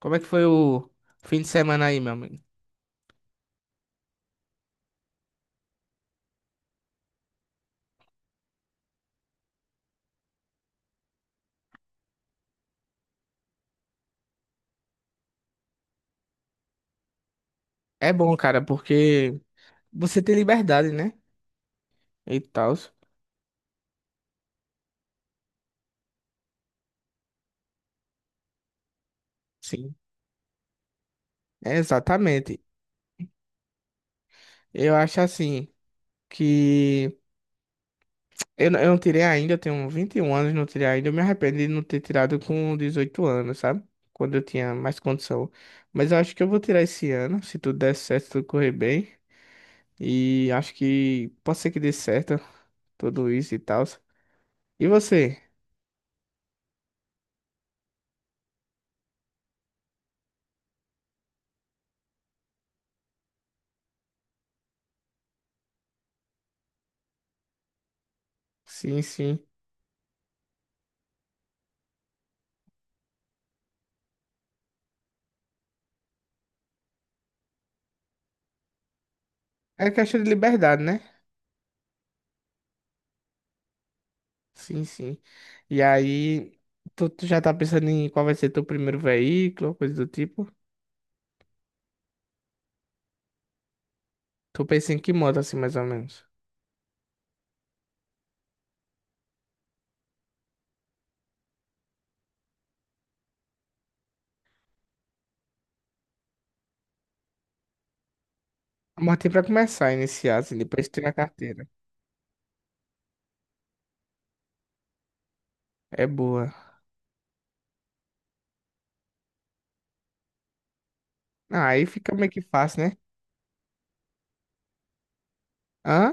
Como é que foi o fim de semana aí, meu amigo? É bom, cara, porque você tem liberdade, né? E tal. Sim. É, exatamente. Eu acho assim que eu não tirei ainda, eu tenho 21 anos, não tirei ainda. Eu me arrependo de não ter tirado com 18 anos, sabe? Quando eu tinha mais condição. Mas eu acho que eu vou tirar esse ano, se tudo der certo, se tudo correr bem. E acho que pode ser que dê certo tudo isso e tal. E você? Sim, sim. É questão de liberdade, né? Sim, sim. E aí, tu já tá pensando em qual vai ser teu primeiro veículo, coisa do tipo? Tu pensa em que moto, assim, mais ou menos? A motinha pra começar, iniciar, assim, depois tirar a carteira. É boa. Ah, aí fica meio que fácil, né? Hã?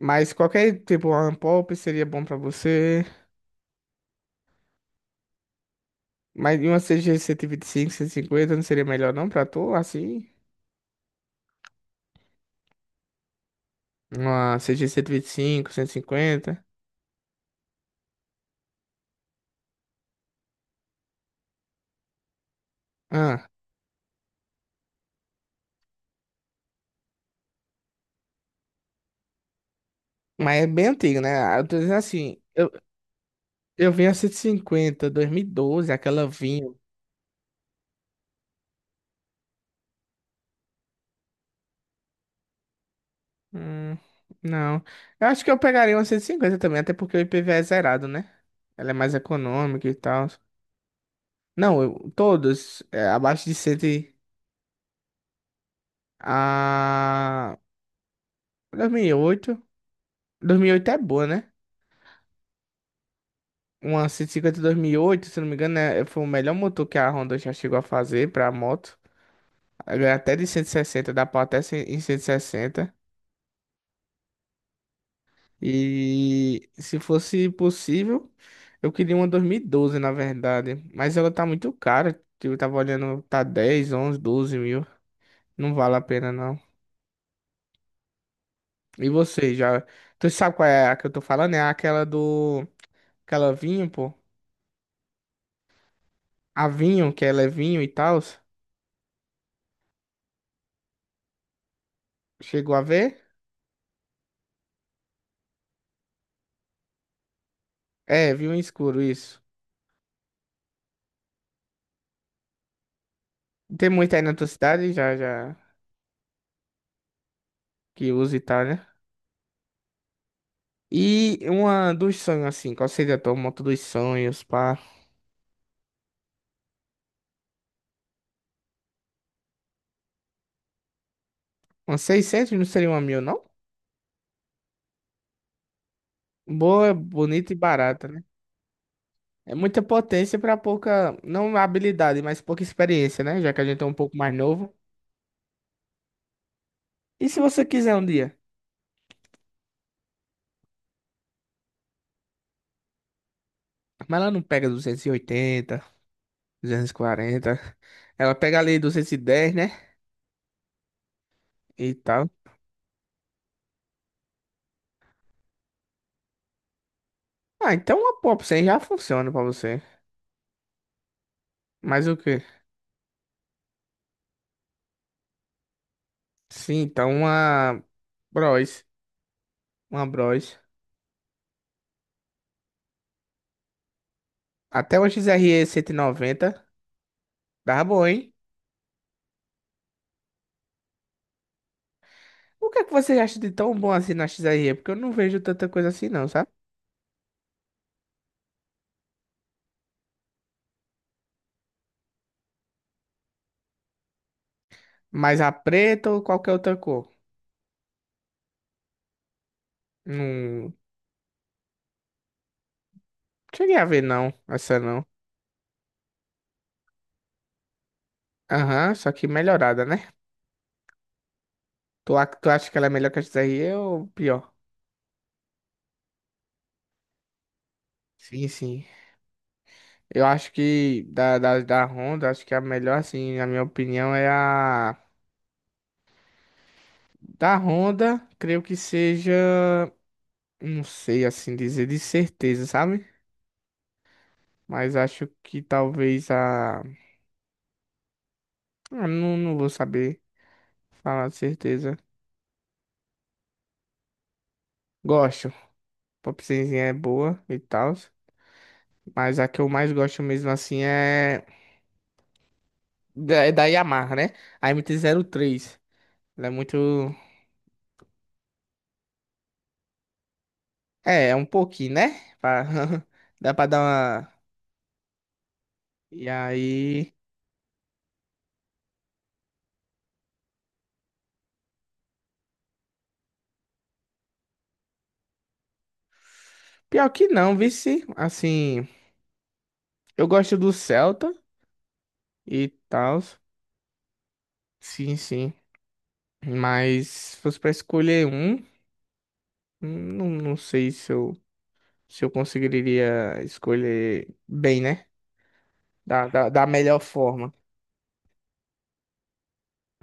Mas qualquer tipo, uma Pop seria bom pra você. Mas e uma C G 125, 150 não seria melhor não pra tu, assim? Uma CG e vinte e cinco, cento e cinquenta. Ah, mas é bem antigo, né? Eu tô dizendo assim, eu... Eu vi a 150, doze, aquela vinho. Hum, não. Eu acho que eu pegaria uma 150 também, até porque o IPVA é zerado, né? Ela é mais econômica e tal. Não, eu, todos, é, abaixo de 100. E- A dois mil e oito dois mil e oito é boa, né? Uma cento e cinquenta dois mil e oito, se não me engano, é, foi o melhor motor que a Honda já chegou a fazer pra moto. Ela ganha até de 160, dá pau até cem em 160. E se fosse possível, eu queria uma 2012, na verdade. Mas ela tá muito cara. Tipo, eu tava olhando, tá dez, onze, 12 mil. Não vale a pena, não. E você, já... Tu sabe qual é a que eu tô falando? É aquela do... Aquela vinho, pô. A vinho, que ela é vinho e tal. Chegou a ver? É, vinho escuro, isso. Tem muita aí na tua cidade, já, já... Que usa e tal, né? E uma dos sonhos, assim. Qual seria a tua moto dos sonhos, pá? Uns 600 não seria 1000, não? Boa, bonita e barata, né? É muita potência pra pouca, não habilidade, mas pouca experiência, né? Já que a gente é um pouco mais novo. E se você quiser um dia? Mas ela não pega 280, 240. Ela pega ali 210, né? E tal. Ah, então uma Pop 100 já funciona pra você. Mas o quê? Sim, então uma Bros. Uma Bros. Até uma XRE 190. Dá bom, hein? O que é que você acha de tão bom assim na XRE? Porque eu não vejo tanta coisa assim, não, sabe? Mas a preta ou qualquer outra cor? Não cheguei a ver, não. Essa não. Aham, só que melhorada, né? Tu acha que ela é melhor que a XRE ou pior? Sim, sim. Eu acho que da Honda, acho que a melhor, assim, na minha opinião, é a. Da Honda, creio que seja. Não sei assim dizer de certeza, sabe? Mas acho que talvez a. Ah, não, não vou saber falar de certeza. Gosto. Popzinha é boa e tal. Mas a que eu mais gosto mesmo assim é da Yamaha, né? A MT-03. Ela é muito. É, é um pouquinho, né? Pra- Dá pra dar uma. E aí. Pior que não, vice. Assim, eu gosto do Celta e tal. Sim, sim. Mas se fosse pra escolher um, não, não sei se eu conseguiria escolher bem, né? Da melhor forma.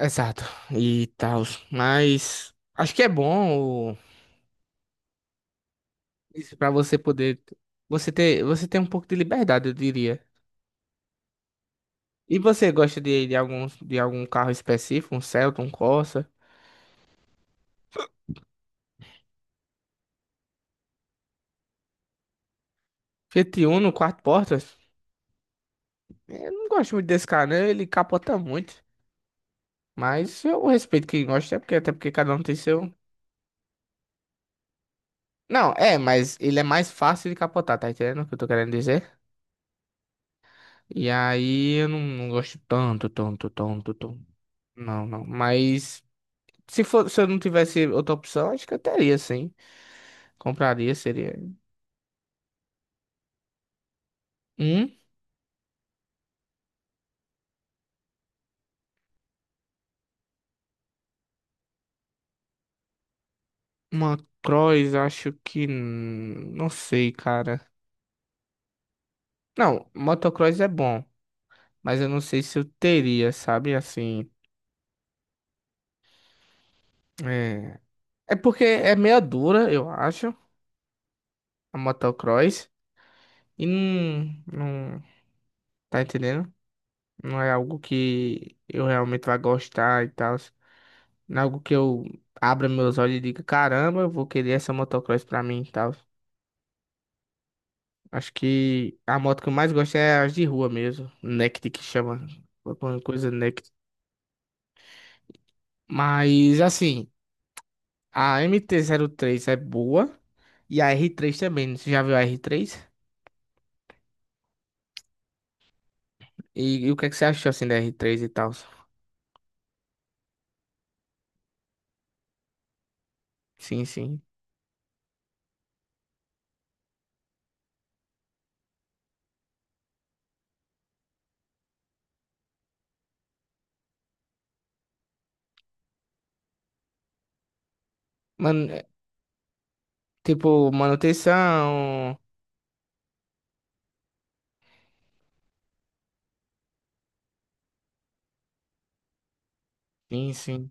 Exato, e tal. Mas acho que é bom o- isso para você poder você ter um pouco de liberdade, eu diria. E você gosta de algum carro específico, um Celta, um Corsa, Fiat Uno, quatro portas? Eu não gosto muito desse carro, né? Ele capota muito. Mas eu respeito quem gosta, é porque até porque cada um tem seu. Não, é, mas ele é mais fácil de capotar, tá entendendo o que eu tô querendo dizer? E aí eu não gosto tanto, tanto, tanto, tanto. Não, não. Mas... Se for, se eu não tivesse outra opção, acho que eu teria, sim. Compraria, seria. Hum? Motocross acho que. Não sei, cara. Não, motocross é bom, mas eu não sei se eu teria, sabe? Assim. É, é porque é meia dura, eu acho, a motocross. E não, não. Tá entendendo? Não é algo que eu realmente vá gostar e tal. Não é algo que eu abra meus olhos e diga: caramba, eu vou querer essa motocross pra mim e tal. Acho que a moto que eu mais gosto é as de rua mesmo. Naked que chama. Alguma coisa Naked. Mas assim, a MT-03 é boa. E a R3 também. Você já viu a R3? E o que é que você achou assim da R3 e tal? Sim, sim. Mano, é, tipo, manutenção. Sim, sim.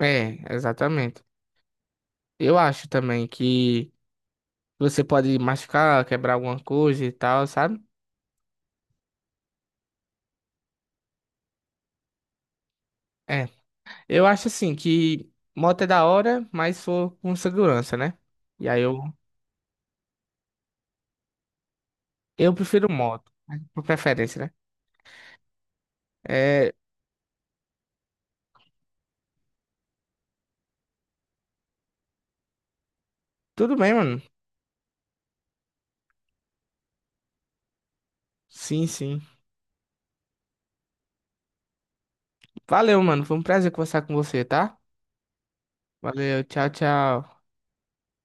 É, exatamente. Eu acho também que você pode machucar, quebrar alguma coisa e tal, sabe? É, eu acho assim que moto é da hora, mas for com segurança, né? E aí eu prefiro moto, mas por preferência, né? É, tudo bem, mano. Sim, sim. Valeu, mano. Foi um prazer conversar com você, tá? Valeu, tchau, tchau.